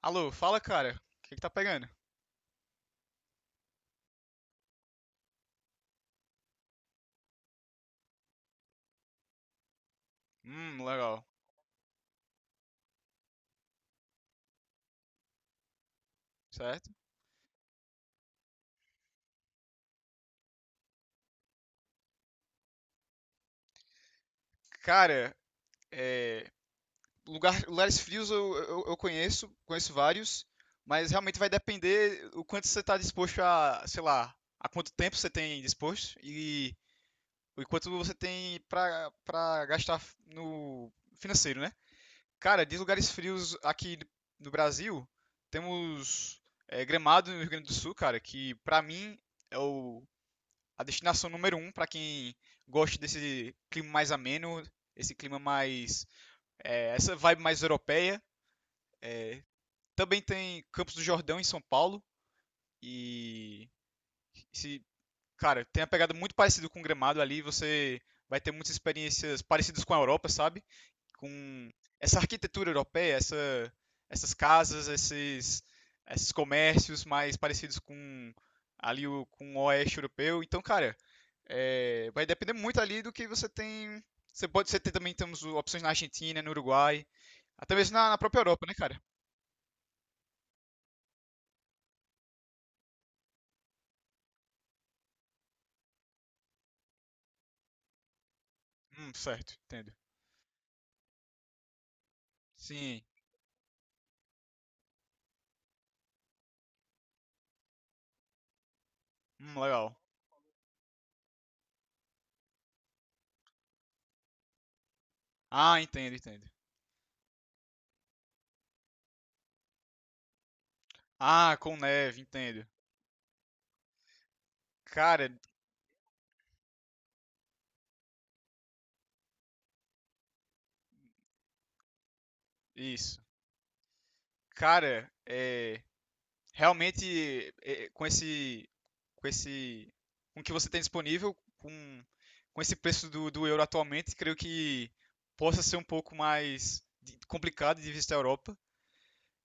Alô, fala, cara. O que que tá pegando? Legal. Certo? Cara, é, lugares frios eu conheço, conheço vários, mas realmente vai depender o quanto você tá disposto a, sei lá, a quanto tempo você tem disposto e o quanto você tem pra gastar no financeiro, né? Cara, de lugares frios aqui no Brasil, temos Gramado no Rio Grande do Sul, cara, que pra mim é o a destinação número um para quem gosta desse clima mais ameno, esse clima mais. É, essa vibe mais europeia. Também tem Campos do Jordão em São Paulo. E. Esse, Cara, tem uma pegada muito parecida com o Gramado ali. Você vai ter muitas experiências parecidas com a Europa, sabe? Com essa arquitetura europeia, essas casas, esses comércios mais parecidos com o oeste europeu. Então, cara, É, vai depender muito ali do que você tem. Também temos opções na Argentina, no Uruguai, até mesmo na própria Europa, né, cara? Certo, entendo. Sim, legal. Ah, entendo, entendo. Ah, com neve, entendo. Cara, isso. Cara, é, realmente é, com esse, com o que você tem disponível, com esse preço do euro atualmente, creio que possa ser um pouco complicado de visitar a Europa.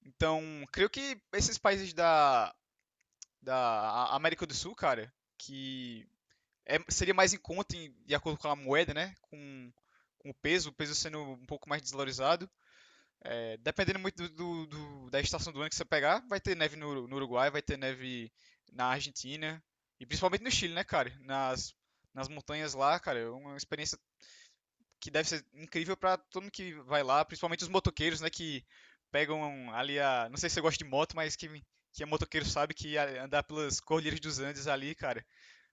Então, creio que esses países da América do Sul, cara, que seria mais em conta de acordo com a moeda, né? Com o peso sendo um pouco mais desvalorizado. É, dependendo muito da estação do ano que você pegar, vai ter neve no Uruguai, vai ter neve na Argentina e principalmente no Chile, né, cara? Nas montanhas lá, cara, é uma experiência que deve ser incrível pra todo mundo que vai lá, principalmente os motoqueiros, né, que pegam ali a, não sei se você gosta de moto, mas que é motoqueiro sabe que andar pelas cordilheiras dos Andes ali, cara,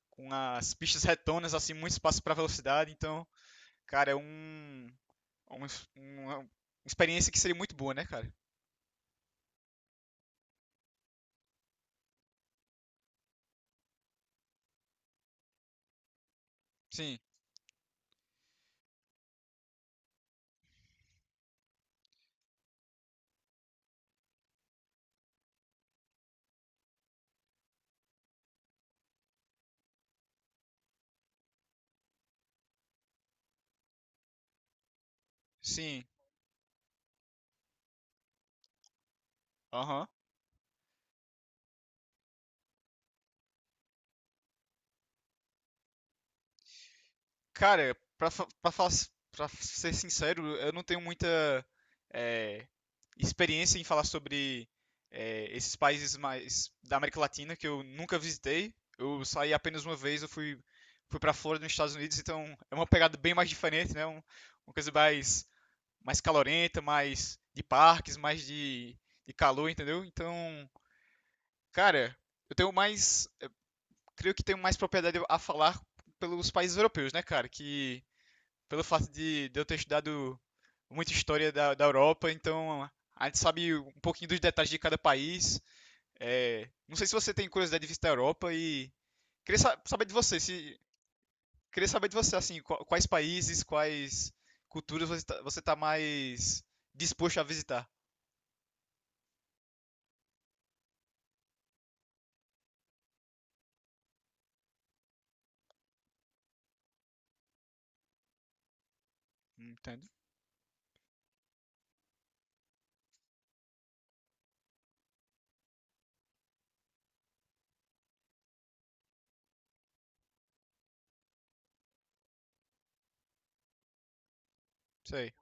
com as pistas retonas assim, muito espaço pra velocidade, então, cara, é um- é uma experiência que seria muito boa, né, cara? Sim. Sim. Aham. Cara, pra, fa- pra, fa- Pra ser sincero, eu não tenho muita eh, experiência em falar sobre esses países mais da América Latina que eu nunca visitei. Eu saí apenas uma vez, fui pra Flórida, nos Estados Unidos, então é uma pegada bem mais diferente, né? Uma coisa mais, mais calorenta, mais de parques, de calor, entendeu? Então, cara, eu tenho mais, creio que tenho mais propriedade a falar pelos países europeus, né, cara? Que pelo fato de eu ter estudado muita história da Europa, então a gente sabe um pouquinho dos detalhes de cada país. É, não sei se você tem curiosidade de visitar a Europa e saber de você, se queria saber de você assim, qua- quais países, quais culturas você tá mais disposto a visitar, entende? Sei.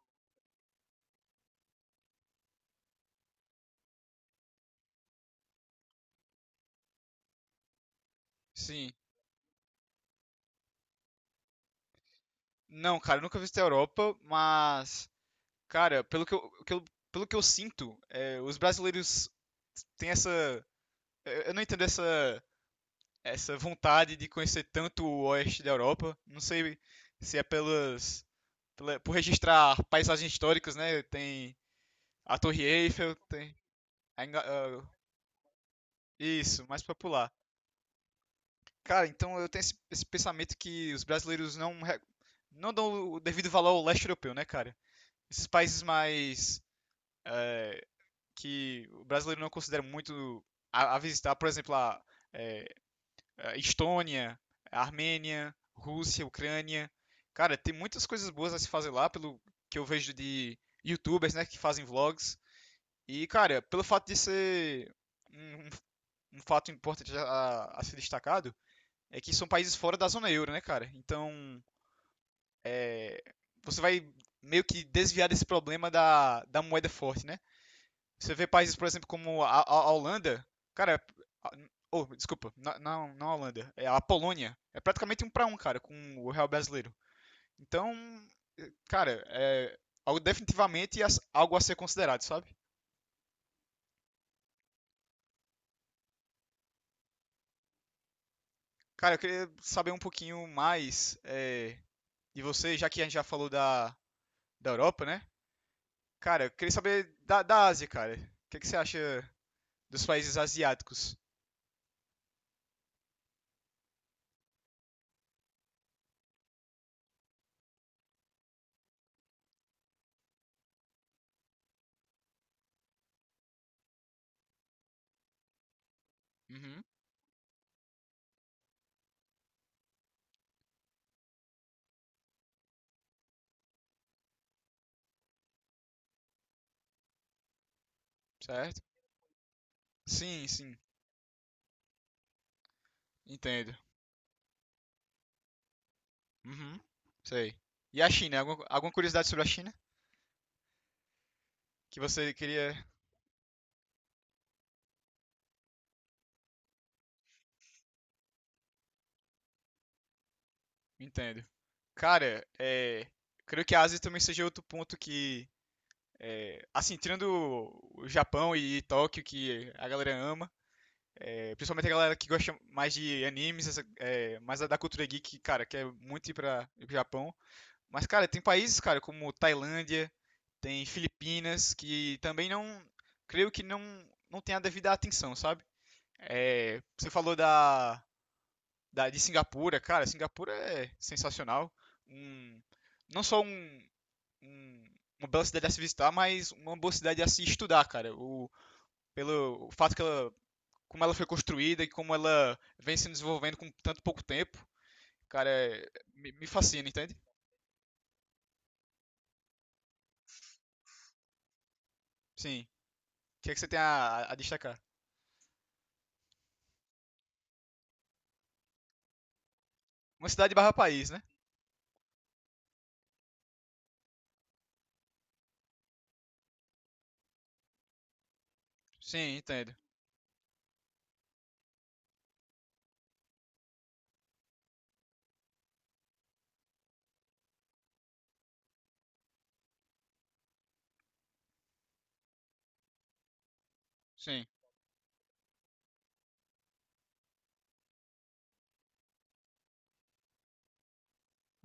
Sim. Não, cara, eu nunca visitei a Europa, mas cara, pelo que eu sinto, é, os brasileiros têm essa eu não entendo essa vontade de conhecer tanto o oeste da Europa. Não sei se é por registrar paisagens históricas, né? Tem a Torre Eiffel, tem a Ingla- ah, isso, mais popular. Cara, então eu tenho esse pensamento que os brasileiros não dão o devido valor ao leste europeu, né, cara? Esses países mais que o brasileiro não considera muito a visitar, por exemplo, Estônia, Armênia, Rússia, Ucrânia. Cara, tem muitas coisas boas a se fazer lá, pelo que eu vejo de YouTubers, né, que fazem vlogs. E, cara, pelo fato de ser um, um- um fato importante a ser destacado, é que são países fora da zona euro, né, cara? Então, eh, você vai meio que desviar desse problema da moeda forte, né? Você vê países, por exemplo, como a Holanda, cara, a- oh, desculpa, não a Holanda, é a Polônia. É praticamente um pra um, cara, com o real brasileiro. Então, cara, é algo definitivamente algo a ser considerado, sabe? Cara, eu queria saber um pouquinho mais de você, já que a gente já falou da Europa, né? Cara, eu queria saber da Ásia, cara. O que que você acha dos países asiáticos? Uhum, certo? Sim, sim, entendo. Uhum, sei. E a China? Alguma, alguma curiosidade sobre a China que você queria? Entendo. Cara, é, creio que a Ásia também seja outro ponto que, é, assim, tirando o Japão e Tóquio, que a galera ama, é, principalmente a galera que gosta mais de animes, mais da cultura geek, cara, quer muito ir para o Japão. Mas, cara, tem países, cara, como Tailândia, tem Filipinas, que também não, creio que não, não tem a devida atenção, sabe? É, você falou de Singapura, cara, Singapura é sensacional. Um, não só um- um- Uma bela cidade a se visitar, mas uma boa cidade a se estudar, cara. Pelo o fato que ela, como ela foi construída e como ela vem se desenvolvendo com tanto pouco tempo, cara, me fascina, entende? Sim. O que é que você tem a destacar? Uma cidade barra país, né? Sim, entendo. Sim.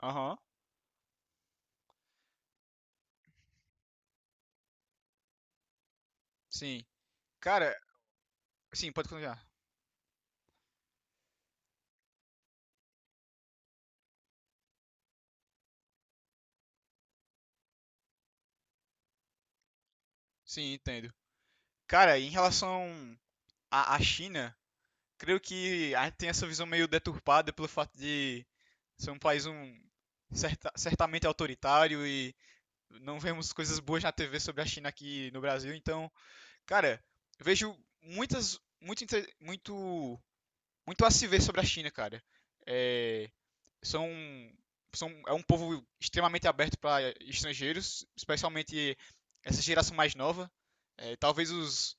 Aham. Sim. Cara, sim, pode continuar. Sim, entendo. Cara, em relação a China, creio que a gente tem essa visão meio deturpada pelo fato de ser um país certamente autoritário e não vemos coisas boas na TV sobre a China aqui no Brasil. Então, cara, eu vejo muitas, muito, inte- muito muito a se ver sobre a China, cara. É, são, é um povo extremamente aberto para estrangeiros, especialmente essa geração mais nova. É, talvez os,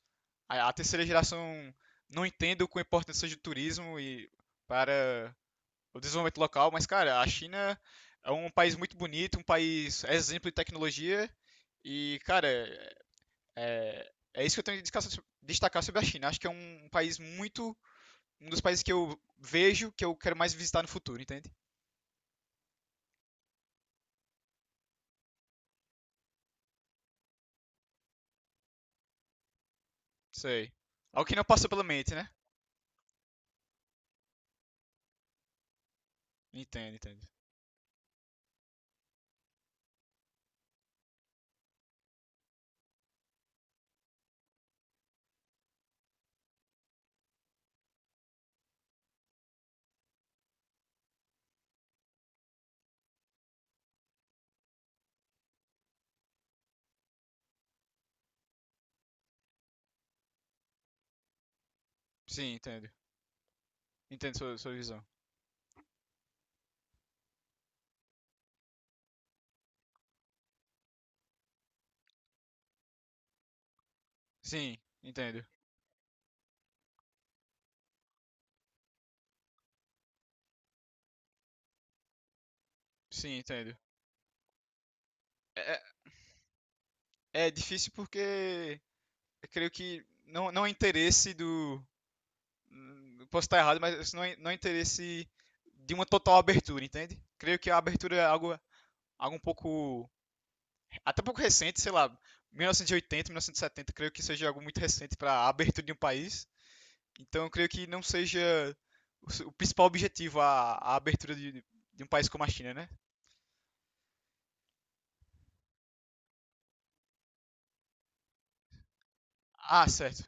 a, a, terceira geração não entenda com a importância do turismo e para o desenvolvimento local, mas, cara, a China é um país muito bonito, um país exemplo de tecnologia. E, cara, é, é isso que eu tenho de destacar sobre a China. Acho que é um país muito dos países que eu vejo que eu quero mais visitar no futuro, entende? Sei. Algo que não passou pela mente, né? Entendo, entendo. Sim, entendo. Entendo sua, sua visão. Sim, entendo. Sim, entendo. É, é é difícil porque eu creio que não é interesse do. Hum, posso estar errado, mas não é interesse de uma total abertura, entende? Creio que a abertura é algo, algo um pouco. Até um pouco recente, sei lá, 1980, 1970, creio que seja algo muito recente para a abertura de um país. Então eu creio que não seja o principal objetivo a abertura de um país como a China, né? Ah, certo.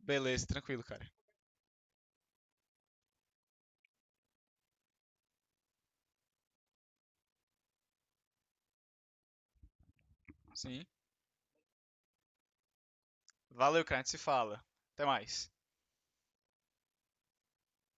Beleza, tranquilo, cara. Sim. Valeu, cara. A gente se fala. Até mais.